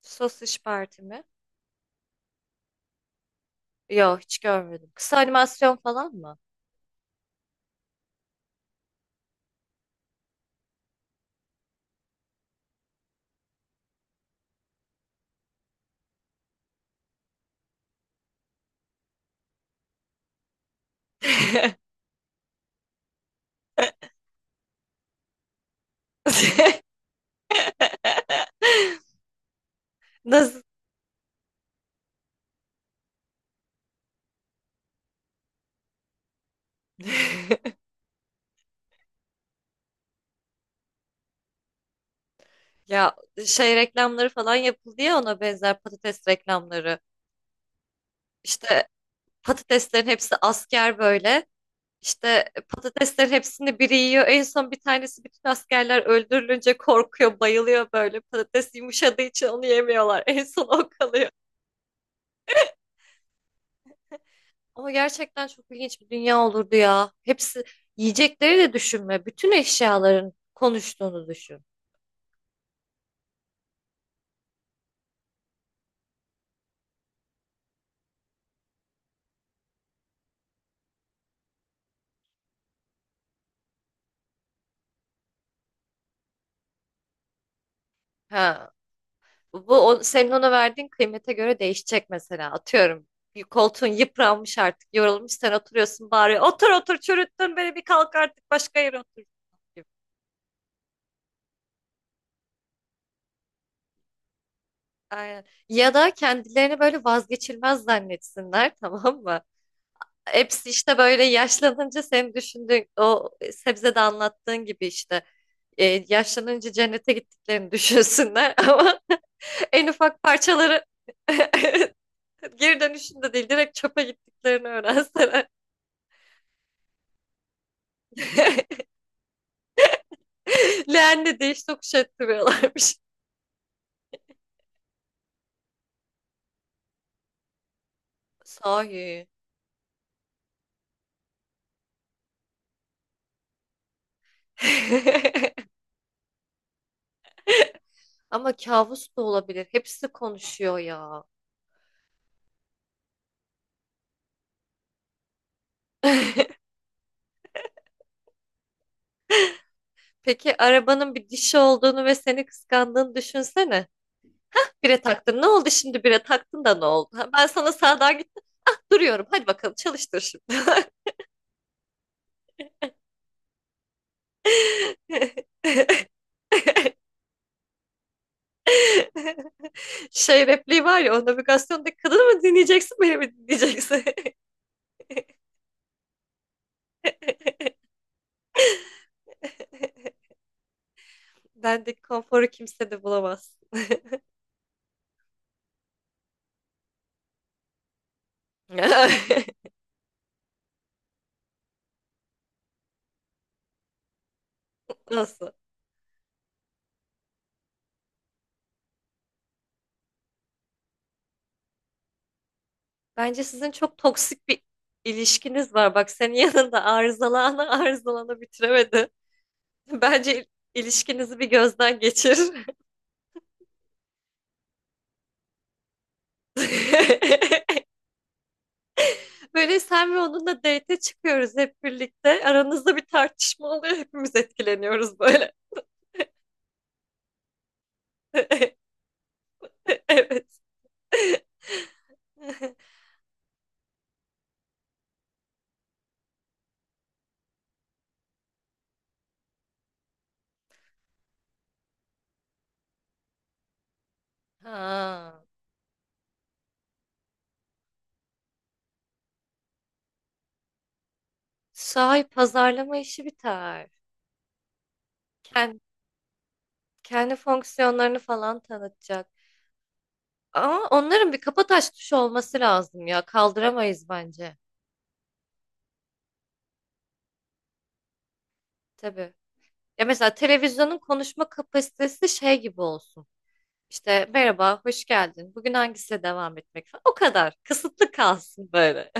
Sos İş Parti mi? Yok hiç görmedim. Kısa animasyon falan mı? Nasıl? Ya şey reklamları falan yapıldı ya ona benzer patates reklamları. İşte patateslerin hepsi asker böyle. İşte patateslerin hepsini biri yiyor. En son bir tanesi bütün askerler öldürülünce korkuyor, bayılıyor böyle. Patates yumuşadığı için onu yemiyorlar. En son o kalıyor. Ama gerçekten çok ilginç bir dünya olurdu ya. Hepsi yiyecekleri de düşünme. Bütün eşyaların konuştuğunu düşün. Ha. Bu o, senin ona verdiğin kıymete göre değişecek mesela. Atıyorum bir koltuğun yıpranmış artık. Yorulmuş sen oturuyorsun bağırıyor. Otur otur çürüttün beni bir kalk artık başka yere otur. Aynen. Ya da kendilerini böyle vazgeçilmez zannetsinler tamam mı? Hepsi işte böyle yaşlanınca senin düşündüğün o sebzede anlattığın gibi işte yaşlanınca cennete gittiklerini düşünsünler ama en ufak parçaları geri dönüşünde değil direkt çöpe gittiklerini öğrenseler. Leğenle değiş tokuş ettiriyorlarmış. Sahi. Ama kabus da olabilir. Hepsi konuşuyor ya. Peki arabanın bir dişi olduğunu ve seni kıskandığını düşünsene. Bire taktın. Ne oldu şimdi bire taktın da ne oldu? Ha, ben sana sağdan gittim. Ah duruyorum. Hadi bakalım çalıştır şimdi. Şey repliği var ya o navigasyonda kadını mı dinleyeceksin beni mi dinleyeceksin? Bendeki konforu kimse de bulamaz. Nasıl? Bence sizin çok toksik bir ilişkiniz var. Bak senin yanında arızalana arızalana bitiremedi. Bence ilişkinizi bir gözden geçir. Böyle sen ve onunla date'e çıkıyoruz hep birlikte. Aranızda bir tartışma oluyor. Hepimiz etkileniyoruz böyle. Evet. Ha. Sahi pazarlama işi biter. Kendi, kendi fonksiyonlarını falan tanıtacak. Ama onların bir kapataş tuşu olması lazım ya. Kaldıramayız bence. Tabii. Ya mesela televizyonun konuşma kapasitesi şey gibi olsun. İşte merhaba, hoş geldin. Bugün hangisiyle devam etmek falan. O kadar. Kısıtlı kalsın böyle.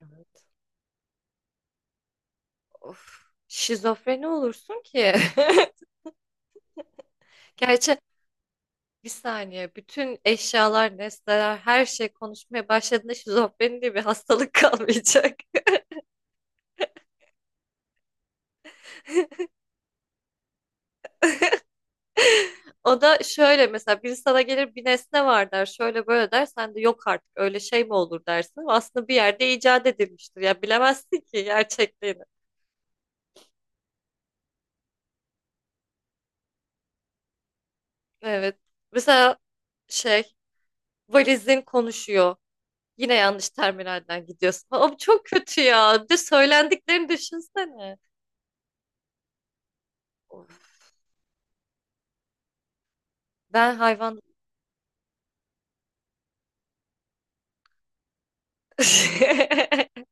Of, şizofreni olursun ki. Gerçi bir saniye bütün eşyalar, nesneler, her şey konuşmaya başladığında şizofreni diye bir hastalık kalmayacak. O da şöyle mesela biri sana gelir bir nesne var der, şöyle böyle der, sen de yok artık öyle şey mi olur dersin. Aslında bir yerde icat edilmiştir ya bilemezsin ki gerçekliğini. Evet. Mesela şey valizin konuşuyor. Yine yanlış terminalden gidiyorsun. Abi çok kötü ya. Bir de söylendiklerini düşünsene. Ben hayvan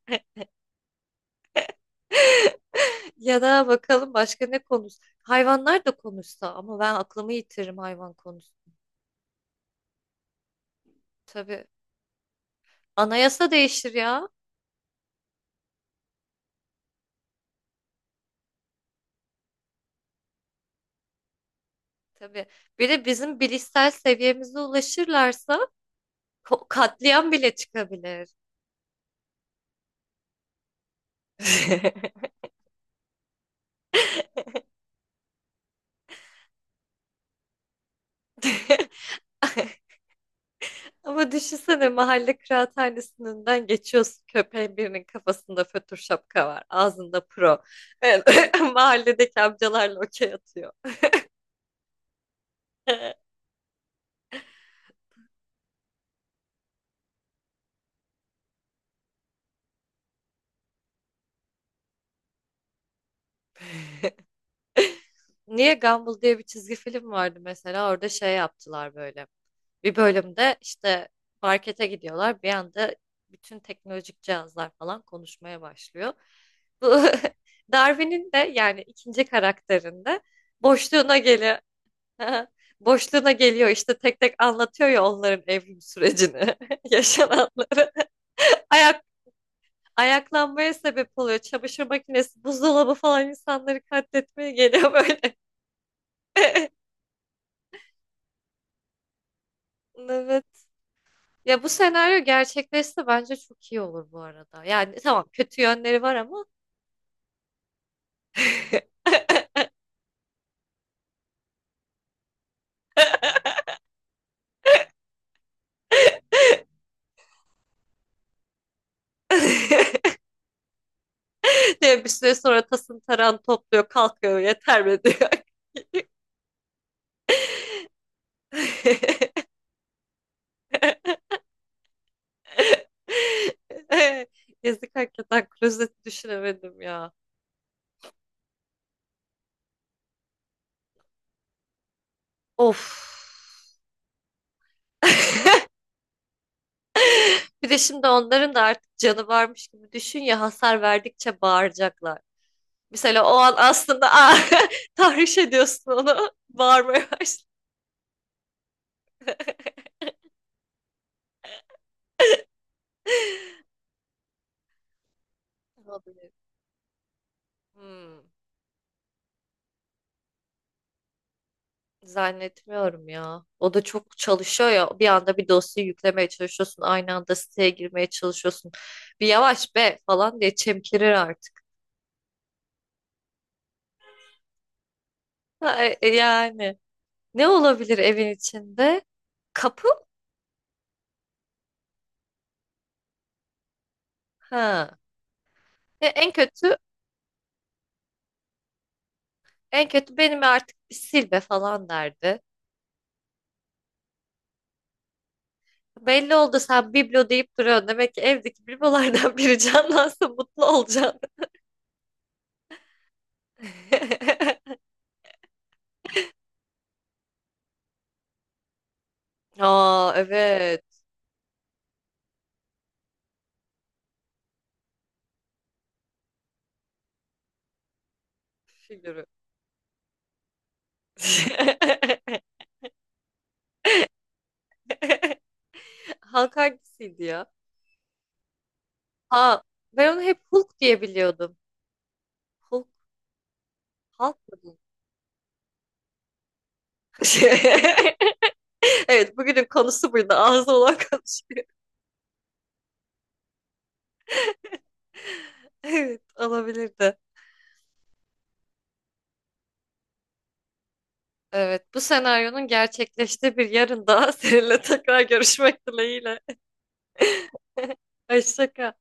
ya da bakalım başka ne konuş. Hayvanlar da konuşsa ama ben aklımı yitiririm hayvan konusunda. Tabii anayasa değişir ya. Tabii. Bir de bizim bilişsel seviyemize ulaşırlarsa katliam bile çıkabilir. Ama düşünsene mahalle kıraathanesinden geçiyorsun köpeğin birinin kafasında fötr şapka var ağzında pro. Evet, mahalledeki amcalarla okey atıyor. Niye Gumball diye bir çizgi film vardı mesela orada şey yaptılar böyle. Bir bölümde işte markete gidiyorlar bir anda bütün teknolojik cihazlar falan konuşmaya başlıyor. Bu Darwin'in de yani ikinci karakterinde boşluğuna geliyor. Boşluğuna geliyor işte tek tek anlatıyor ya onların evrim sürecini, yaşananları. Ayak ayaklanmaya sebep oluyor. Çamaşır makinesi, buzdolabı falan insanları katletmeye geliyor böyle. Evet. Ya bu senaryo gerçekleşse bence çok iyi olur bu arada. Yani tamam kötü yönleri var ama. Diye bir süre sonra tasın taran topluyor kalkıyor yeter mi diyor. Yazık hakikaten klozeti düşünemedim ya. Of. Bir de şimdi onların da artık canı varmış gibi düşün ya hasar verdikçe bağıracaklar. Mesela o an aslında aa, tahriş ediyorsun onu. Bağırmaya başlıyor. Olabilir. Hmm, zannetmiyorum ya. O da çok çalışıyor ya. Bir anda bir dosyayı yüklemeye çalışıyorsun. Aynı anda siteye girmeye çalışıyorsun. Bir yavaş be falan diye çemkirir artık. Ha, yani ne olabilir evin içinde? Kapı? Ha. E, en kötü en kötü benim artık bir sil be falan derdi. Belli oldu sen biblo deyip duruyorsun. Demek ki evdeki biblolardan biri canlansa mutlu olacaksın. Aa, evet. Figürü. Hulk hangisiydi ya? Aa, ben onu hep Hulk diye biliyordum. Hulk, Hulk mı? Evet bugünün konusu buydu. Ağzı olan konuşuyor. Evet olabilirdi. Evet bu senaryonun gerçekleştiği bir yarın daha seninle tekrar görüşmek dileğiyle. Hoşça kal.